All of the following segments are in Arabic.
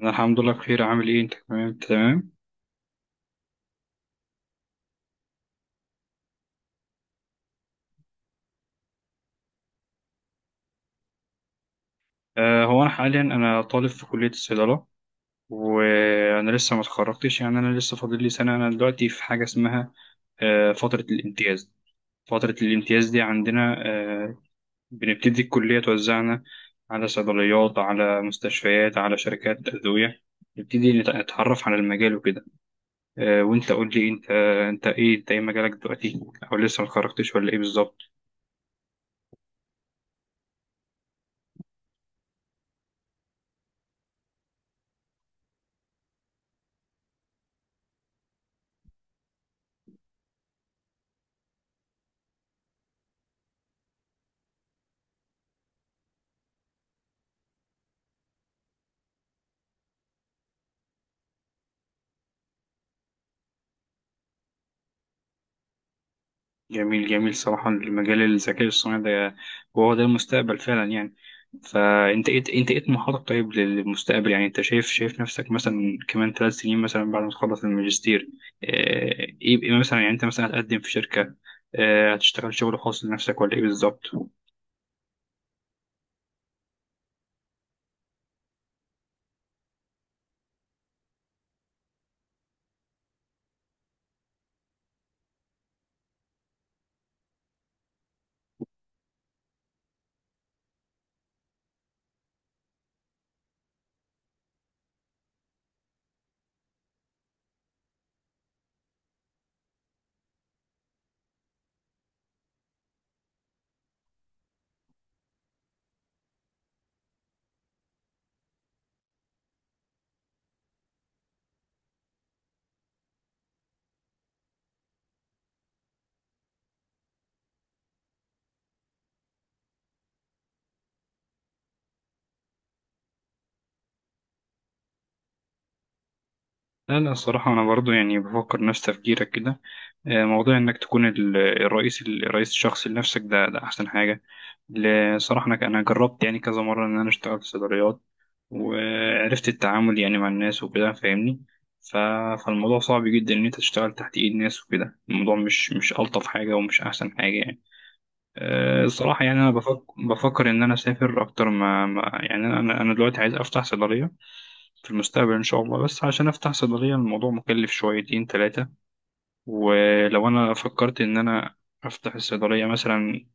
انا الحمد لله بخير. عامل ايه انت؟ تمام تمام. هو انا حاليا طالب في كلية الصيدلة. وانا لسه ما اتخرجتش، يعني انا لسه فاضل لي سنة. انا دلوقتي في حاجة اسمها فترة الامتياز. فترة الامتياز دي عندنا بنبتدي الكلية توزعنا على صيدليات، على مستشفيات، على شركات أدوية. نبتدي نتعرف على المجال وكده. وانت قول لي انت ايه مجالك دلوقتي، او لسه ما اتخرجتش ولا ايه بالظبط؟ جميل جميل. صراحة المجال الذكاء الصناعي ده، هو ده المستقبل فعلا يعني. فأنت إيه طموحاتك طيب للمستقبل؟ يعني أنت شايف نفسك مثلا كمان ثلاث سنين مثلا بعد ما تخلص الماجستير؟ آه، إيه مثلا، يعني أنت مثلا هتقدم في شركة، هتشتغل شغل خاص لنفسك، ولا إيه بالظبط؟ لا، لا، الصراحة أنا برضو يعني بفكر نفس تفكيرك كده. موضوع إنك تكون الرئيس الشخصي لنفسك، ده أحسن حاجة. صراحة أنا جربت يعني كذا مرة إن أنا أشتغل في صيدليات، وعرفت التعامل يعني مع الناس وكده، فاهمني؟ ف- فالموضوع صعب جدا إن أنت تشتغل تحت إيد ناس وكده. الموضوع مش ألطف حاجة ومش أحسن حاجة يعني. الصراحة يعني أنا بفكر إن أنا أسافر أكتر يعني أنا دلوقتي عايز أفتح صيدلية في المستقبل إن شاء الله. بس عشان أفتح صيدلية، الموضوع مكلف شويتين تلاتة. ولو أنا فكرت إن أنا أفتح الصيدلية مثلا،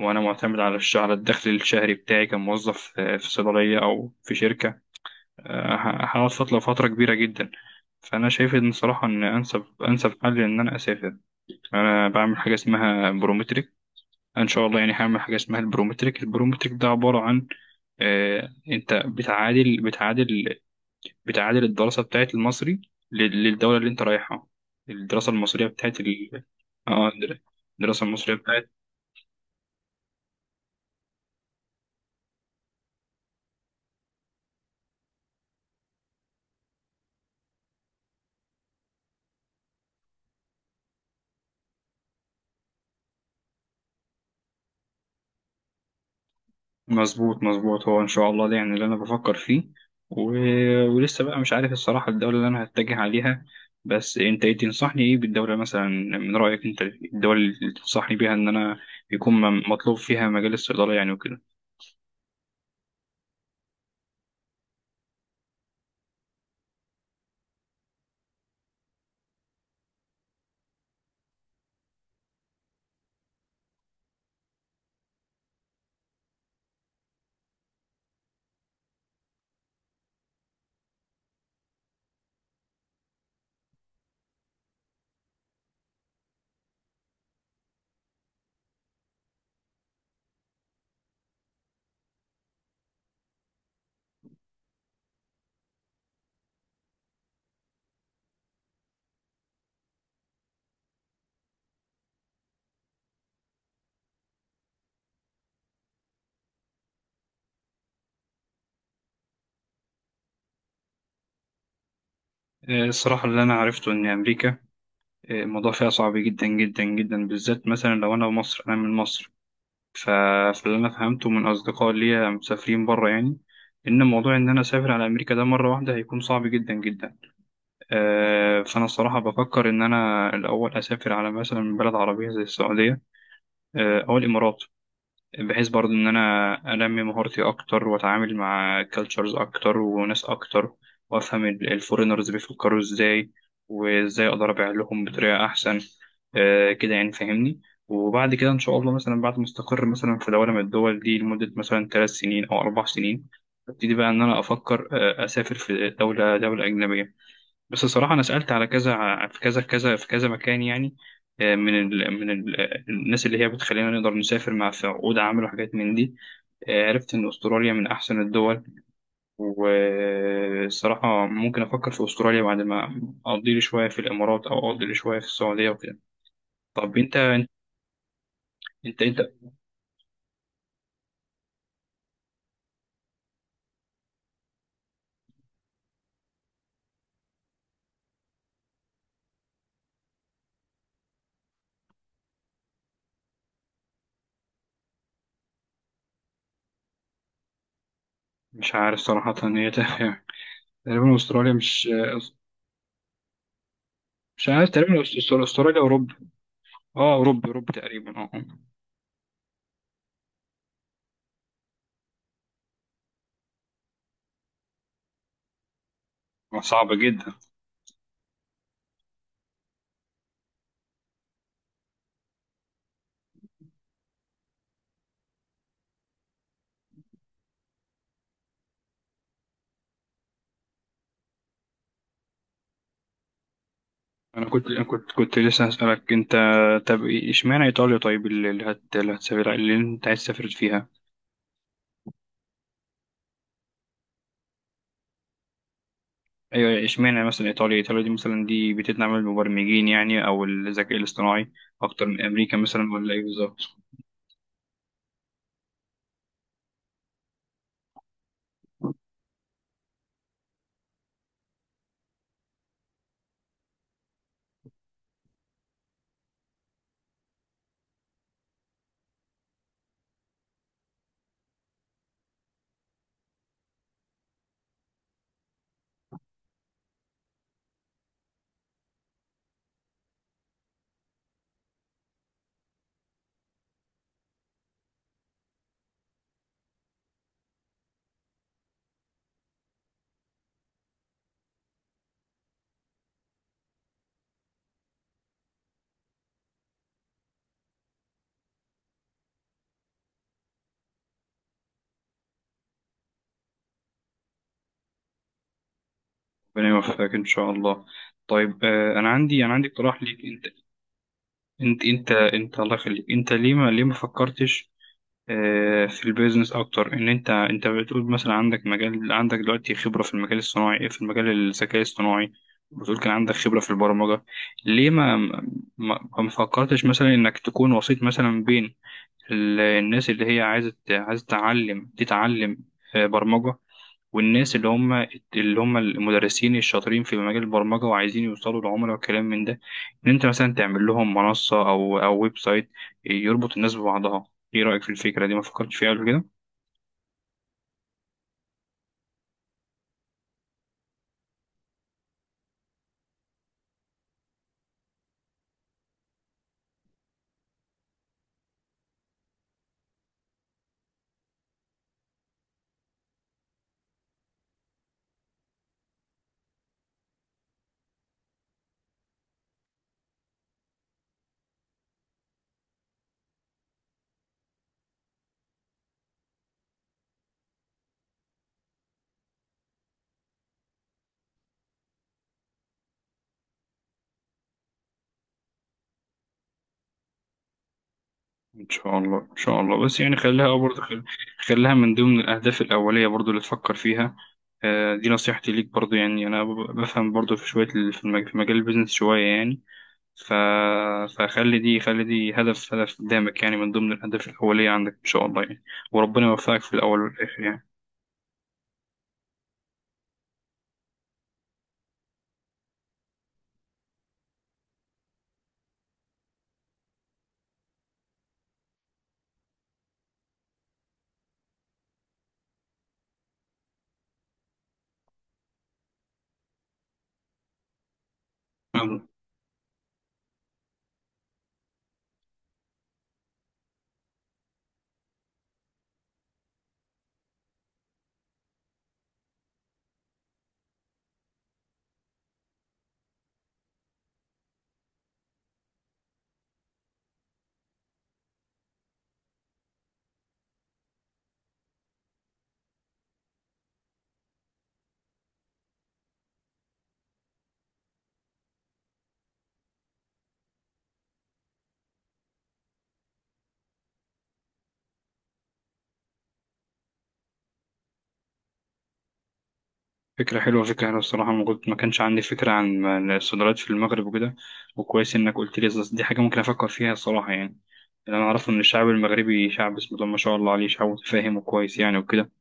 وأنا معتمد على الدخل الشهري بتاعي كموظف في صيدلية أو في شركة، هقعد فترة كبيرة جدا. فأنا شايف إن صراحة إن أنسب حل إن أنا أسافر. أنا بعمل حاجة اسمها برومتريك إن شاء الله، يعني هعمل حاجة اسمها البرومتريك. البرومتريك ده عبارة عن، أنت بتعادل الدراسة بتاعت المصري للدولة اللي أنت رايحها. الدراسة المصرية بتاعت ال... اه الدر- الدراسة المصرية بتاعت. مظبوط مظبوط، هو إن شاء الله ده يعني اللي أنا بفكر فيه. و... ولسه بقى مش عارف الصراحة الدولة اللي أنا هتجه عليها. بس أنت إيه تنصحني، إيه بالدولة مثلا؟ من رأيك أنت، الدول اللي تنصحني بيها إن أنا يكون مطلوب فيها مجال الصيدلة يعني وكده. الصراحة اللي أنا عرفته إن أمريكا، الموضوع فيها صعب جدا جدا جدا، بالذات مثلا لو أنا مصر. أنا من مصر، ف- فاللي أنا فهمته من أصدقاء ليا مسافرين بره يعني، إن موضوع إن أنا أسافر على أمريكا ده مرة واحدة هيكون صعب جدا جدا. فأنا الصراحة بفكر إن أنا الأول أسافر على مثلا بلد عربية زي السعودية، أو الإمارات، بحيث برضه إن أنا أنمي مهارتي أكتر، وأتعامل مع كالتشرز أكتر وناس أكتر، وأفهم الفورينرز بيفكروا إزاي، وإزاي أقدر أبيع لهم بطريقة أحسن. كده يعني، فاهمني؟ وبعد كده إن شاء الله مثلا بعد ما أستقر مثلا في دولة من الدول دي لمدة مثلا ثلاث سنين أو أربع سنين، أبتدي بقى إن أنا أفكر أسافر في دولة أجنبية. بس الصراحة أنا سألت على كذا في كذا كذا، في كذا مكان يعني، آه، من ال من ال الناس اللي هي بتخلينا نقدر نسافر مع في عقود عمل وحاجات من دي. عرفت إن أستراليا من أحسن الدول، والصراحة ممكن أفكر في أستراليا بعد ما أقضي لي شوية في الإمارات، أو أقضي لي شوية في السعودية وكده. طب أنت، أنت أنت مش عارف صراحة، هي تقريبا أستراليا مش عارف. تقريبا أستراليا أوروبا. أوروبا أوروبا تقريبا، أه. آه، صعبة جدا. انا كنت أنا كنت كنت لسه هسألك انت، طب اشمعنى ايطاليا؟ طيب اللي اللي هت اللي هتسافر اللي انت عايز تسافر فيها، ايوه، اشمعنى مثلا ايطاليا دي بتدعم المبرمجين يعني، او الذكاء الاصطناعي اكتر من امريكا مثلا، ولا ايه بالظبط؟ ربنا يوفقك ان شاء الله. طيب، انا عندي اقتراح ليك انت الله يخليك، انت ليه ما، فكرتش في البيزنس اكتر؟ ان انت، بتقول مثلا عندك دلوقتي خبره في المجال الذكاء الصناعي، بتقول كان عندك خبره في البرمجه. ليه ما فكرتش مثلا انك تكون وسيط مثلا بين الناس اللي هي عايزه تتعلم برمجه، والناس اللي هم المدرسين الشاطرين في مجال البرمجة، وعايزين يوصلوا لعملاء وكلام من ده؟ إن أنت مثلا تعمل لهم منصة، أو ويب سايت يربط الناس ببعضها. إيه رأيك في الفكرة دي؟ ما فكرتش فيها قبل كده؟ إن شاء الله، إن شاء الله. بس يعني خليها برضه، خليها من ضمن الأهداف الأولية برضه اللي تفكر فيها. دي نصيحتي ليك برضه يعني. أنا بفهم برضه في شوية في مجال البيزنس شوية يعني. ف... فخلي دي، خلي دي هدف قدامك يعني، من ضمن الأهداف الأولية عندك إن شاء الله يعني. وربنا يوفقك في الأول والآخر يعني. يلا. فكرة حلوة، فكرة حلوة الصراحة. ما كانش عندي فكرة عن الصيدليات في المغرب وكده، وكويس إنك قلت لي، أصل دي حاجة ممكن أفكر فيها الصراحة يعني. اللي أنا أعرفه إن الشعب المغربي شعب، بسم الله ما شاء الله عليه، شعب متفاهم وكويس يعني وكده.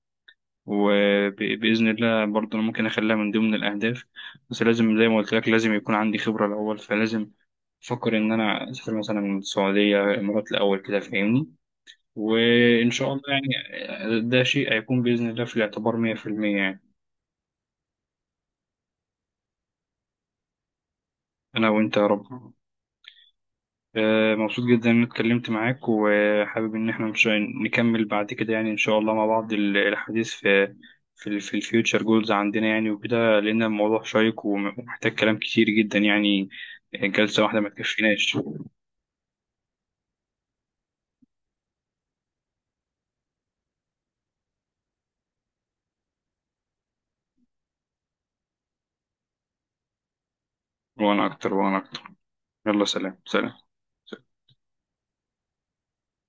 وبإذن الله برضه أنا ممكن أخليها من ضمن الأهداف، بس لازم زي ما قلت لك، لازم يكون عندي خبرة الأول. فلازم بفكر إن أنا أسافر مثلا من السعودية، الإمارات الأول كده، فاهمني؟ وإن شاء الله يعني ده شيء هيكون بإذن الله في الاعتبار 100% يعني. أنا وأنت يا رب. مبسوط جدا إن أنا اتكلمت معاك، وحابب إن إحنا مش نكمل بعد كده يعني إن شاء الله، مع بعض الحديث في في ال في الفيوتشر جولز عندنا يعني وكده، لأن الموضوع شيق ومحتاج كلام كتير جدا يعني، جلسة واحدة ما تكفيناش. وأنا أكتر، وأنا أكتر. يلا، سلام سلام.